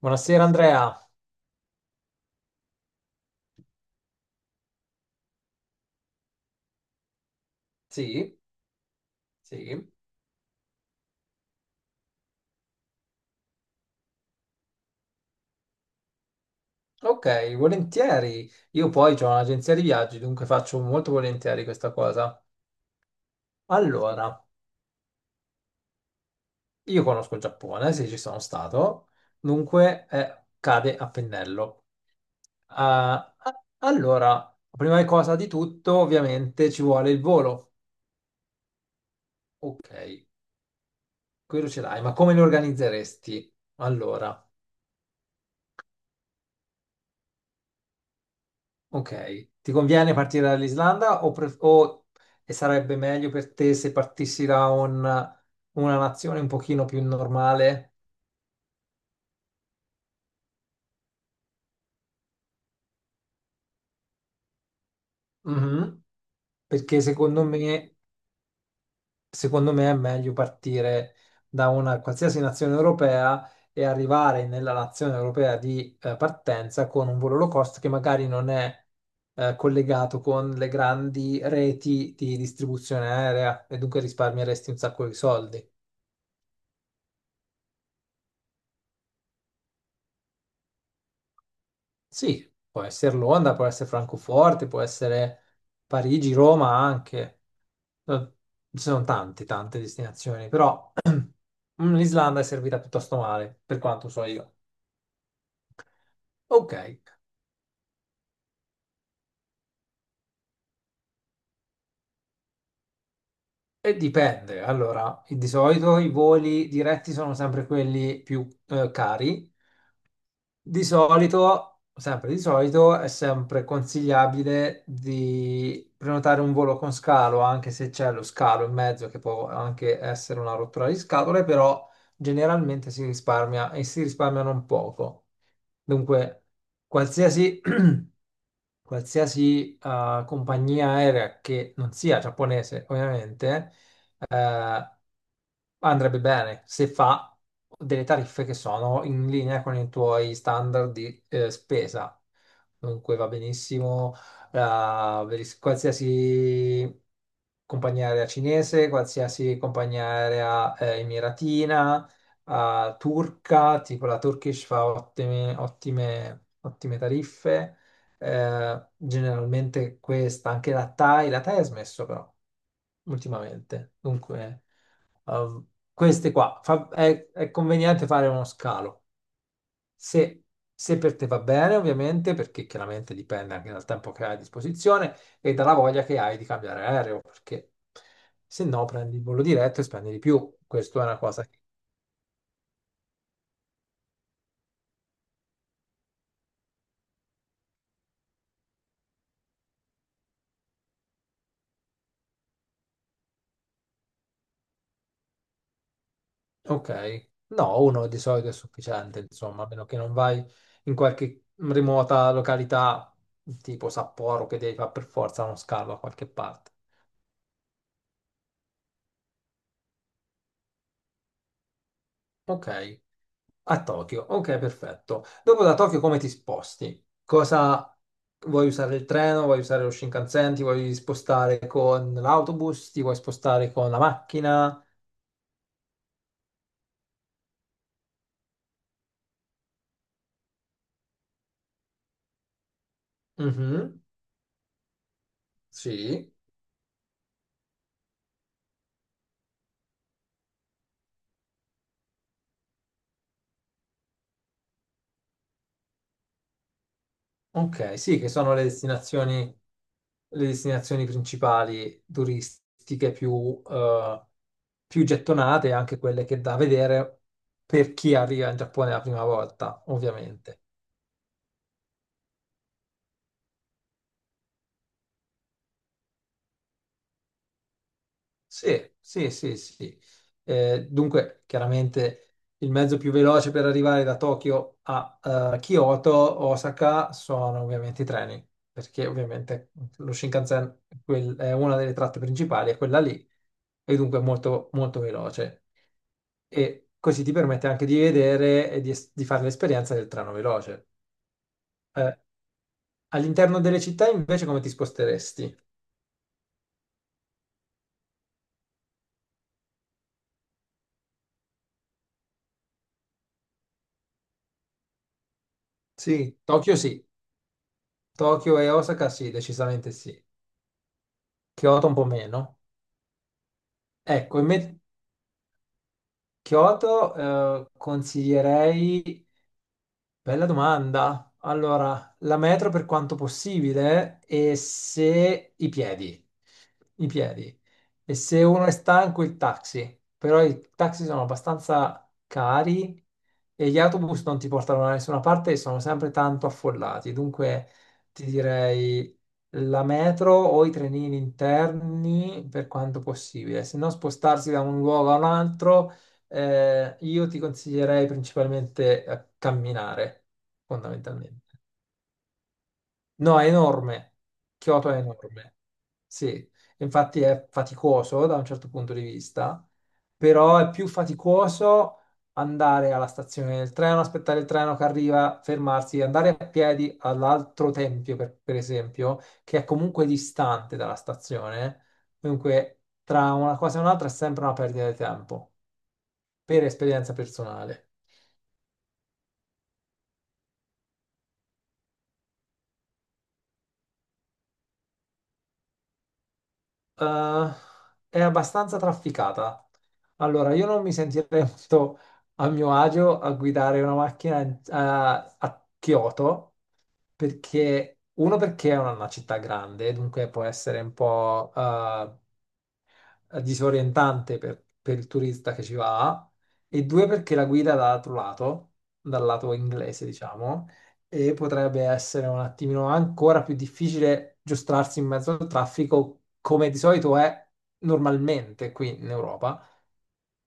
Buonasera Andrea. Sì, sì. Ok, volentieri. Io poi ho un'agenzia di viaggi, dunque faccio molto volentieri questa cosa. Allora, io conosco il Giappone, sì, ci sono stato, dunque cade a pennello. Ah, ah, allora, prima cosa di tutto, ovviamente ci vuole il volo. Ok, quello ce l'hai, ma come lo organizzeresti? Allora, ok, ti conviene partire dall'Islanda e sarebbe meglio per te se partissi da una nazione un pochino più normale? Mhm. Perché secondo me, secondo me è meglio partire da una qualsiasi nazione europea e arrivare nella nazione europea di partenza con un volo low cost che magari non è collegato con le grandi reti di distribuzione aerea e dunque risparmieresti un sacco di soldi. Sì, può essere Londra, può essere Francoforte, può essere Parigi, Roma anche. Eh, Ci sono tante destinazioni, però l'Islanda è servita piuttosto male, per quanto so io. Ok, e dipende. Allora, di solito i voli diretti sono sempre quelli più cari. Di solito, sempre di solito, è sempre consigliabile di prenotare un volo con scalo, anche se c'è lo scalo in mezzo, che può anche essere una rottura di scatole, però generalmente si risparmia e si risparmia non poco. Dunque, qualsiasi qualsiasi compagnia aerea che non sia giapponese, ovviamente, eh, andrebbe bene se fa delle tariffe che sono in linea con i tuoi standard di spesa. Dunque va benissimo qualsiasi compagnia aerea cinese, qualsiasi compagnia aerea emiratina, turca, tipo la Turkish fa ottime tariffe generalmente questa, anche la Thai ha smesso però ultimamente. Dunque, eh, queste qua è conveniente fare uno scalo. Se, se per te va bene, ovviamente, perché chiaramente dipende anche dal tempo che hai a disposizione e dalla voglia che hai di cambiare aereo, perché se no prendi il volo diretto e spendi di più. Questa è una cosa. Ok, no, uno di solito è sufficiente, insomma, a meno che non vai in qualche remota località tipo Sapporo che devi fare per forza uno scalo a qualche parte. Ok, a Tokyo, ok, perfetto. Dopo da Tokyo come ti sposti? Cosa vuoi usare, il treno? Vuoi usare lo Shinkansen? Ti vuoi spostare con l'autobus? Ti vuoi spostare con la macchina? Mhm, sì. Ok, sì, che sono le destinazioni principali turistiche più, più gettonate, anche quelle che da vedere per chi arriva in Giappone la prima volta, ovviamente. Sì, sì, sì, sì. Dunque, chiaramente il mezzo più veloce per arrivare da Tokyo a Kyoto, Osaka, sono ovviamente i treni, perché ovviamente lo Shinkansen è una delle tratte principali, è quella lì, e dunque è molto, molto veloce. E così ti permette anche di vedere e di fare l'esperienza del treno veloce. Eh, All'interno delle città, invece, come ti sposteresti? Sì, Tokyo e Osaka sì, decisamente sì. Kyoto un po' meno. Ecco, in me- Kyoto consiglierei. Bella domanda. Allora, la metro per quanto possibile e se i piedi. E se uno è stanco il taxi, però i taxi sono abbastanza cari e gli autobus non ti portano da nessuna parte e sono sempre tanto affollati. Dunque ti direi la metro o i trenini interni per quanto possibile, se no spostarsi da un luogo a un altro io ti consiglierei principalmente a camminare, fondamentalmente. No, è enorme. Kyoto è enorme. Sì, infatti è faticoso da un certo punto di vista, però è più faticoso andare alla stazione del treno, aspettare il treno che arriva, fermarsi, andare a piedi all'altro tempio, per esempio, che è comunque distante dalla stazione. Dunque, tra una cosa e un'altra è sempre una perdita di tempo, per esperienza personale. Eh, è abbastanza trafficata. Allora, io non mi sentirei molto a mio agio a guidare una macchina a Kyoto perché uno perché è una città grande, dunque può essere un po' disorientante per il turista che ci va, e due perché la guida dall'altro lato, dal lato inglese, diciamo, e potrebbe essere un attimino ancora più difficile giostrarsi in mezzo al traffico come di solito è normalmente qui in Europa.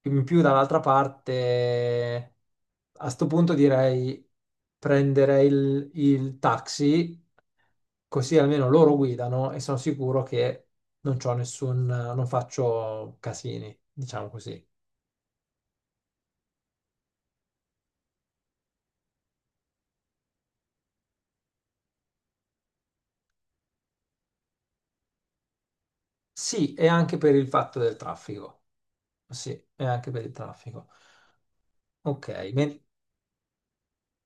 In più, dall'altra parte, a sto punto direi prenderei il taxi. Così almeno loro guidano e sono sicuro che non c'ho nessun, non faccio casini, diciamo così. Sì, e anche per il fatto del traffico. Sì, e anche per il traffico. Ok, men-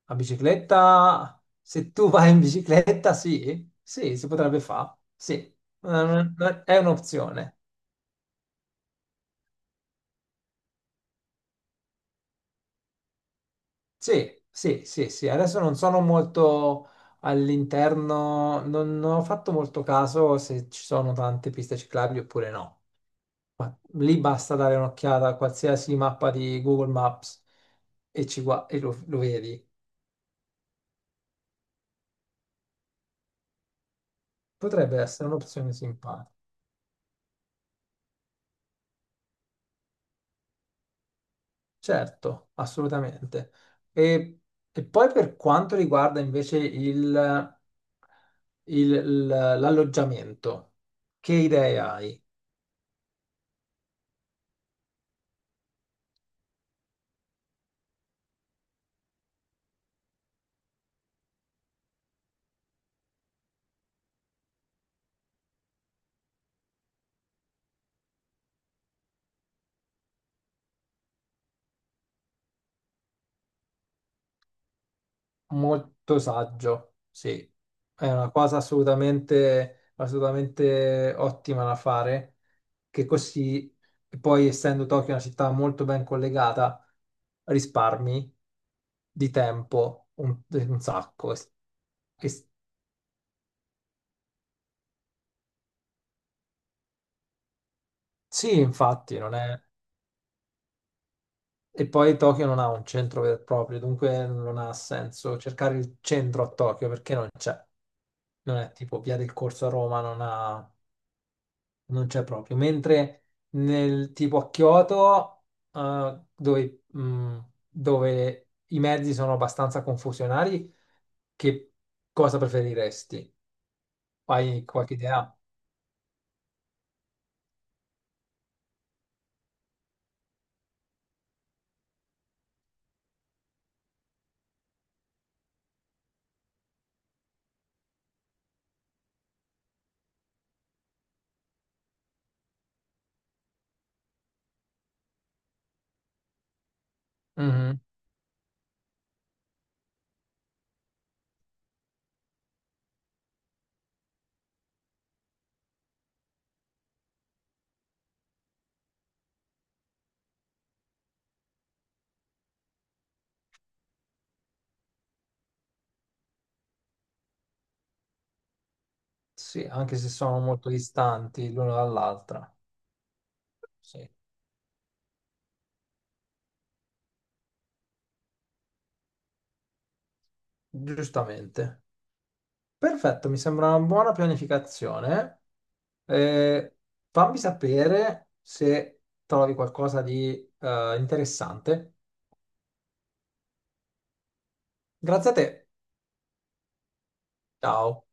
la bicicletta, se tu vai in bicicletta, sì, sì, si potrebbe fare, sì. È un'opzione. Sì, sì, sì, sì, adesso non sono molto all'interno, non ho fatto molto caso se ci sono tante piste ciclabili oppure no. Ma lì basta dare un'occhiata a qualsiasi mappa di Google Maps e lo vedi. Potrebbe essere un'opzione simpatica. Certo, assolutamente. E, e poi per quanto riguarda invece il- l'alloggiamento, che idee hai? Molto saggio, sì, è una cosa assolutamente, assolutamente ottima da fare, che così, poi essendo Tokyo una città molto ben collegata, risparmi di tempo un sacco. E- sì, infatti, non è... E poi Tokyo non ha un centro vero e proprio, dunque non ha senso cercare il centro a Tokyo perché non c'è. Non è tipo Via del Corso a Roma, non c'è proprio. Mentre nel tipo a Kyoto, dove, dove i mezzi sono abbastanza confusionari, che cosa preferiresti? Hai qualche idea? Mhm. Sì, anche se sono molto distanti l'uno dall'altra. Sì, giustamente. Perfetto, mi sembra una buona pianificazione. Eh, Fammi sapere se trovi qualcosa di interessante. Grazie a te. Ciao.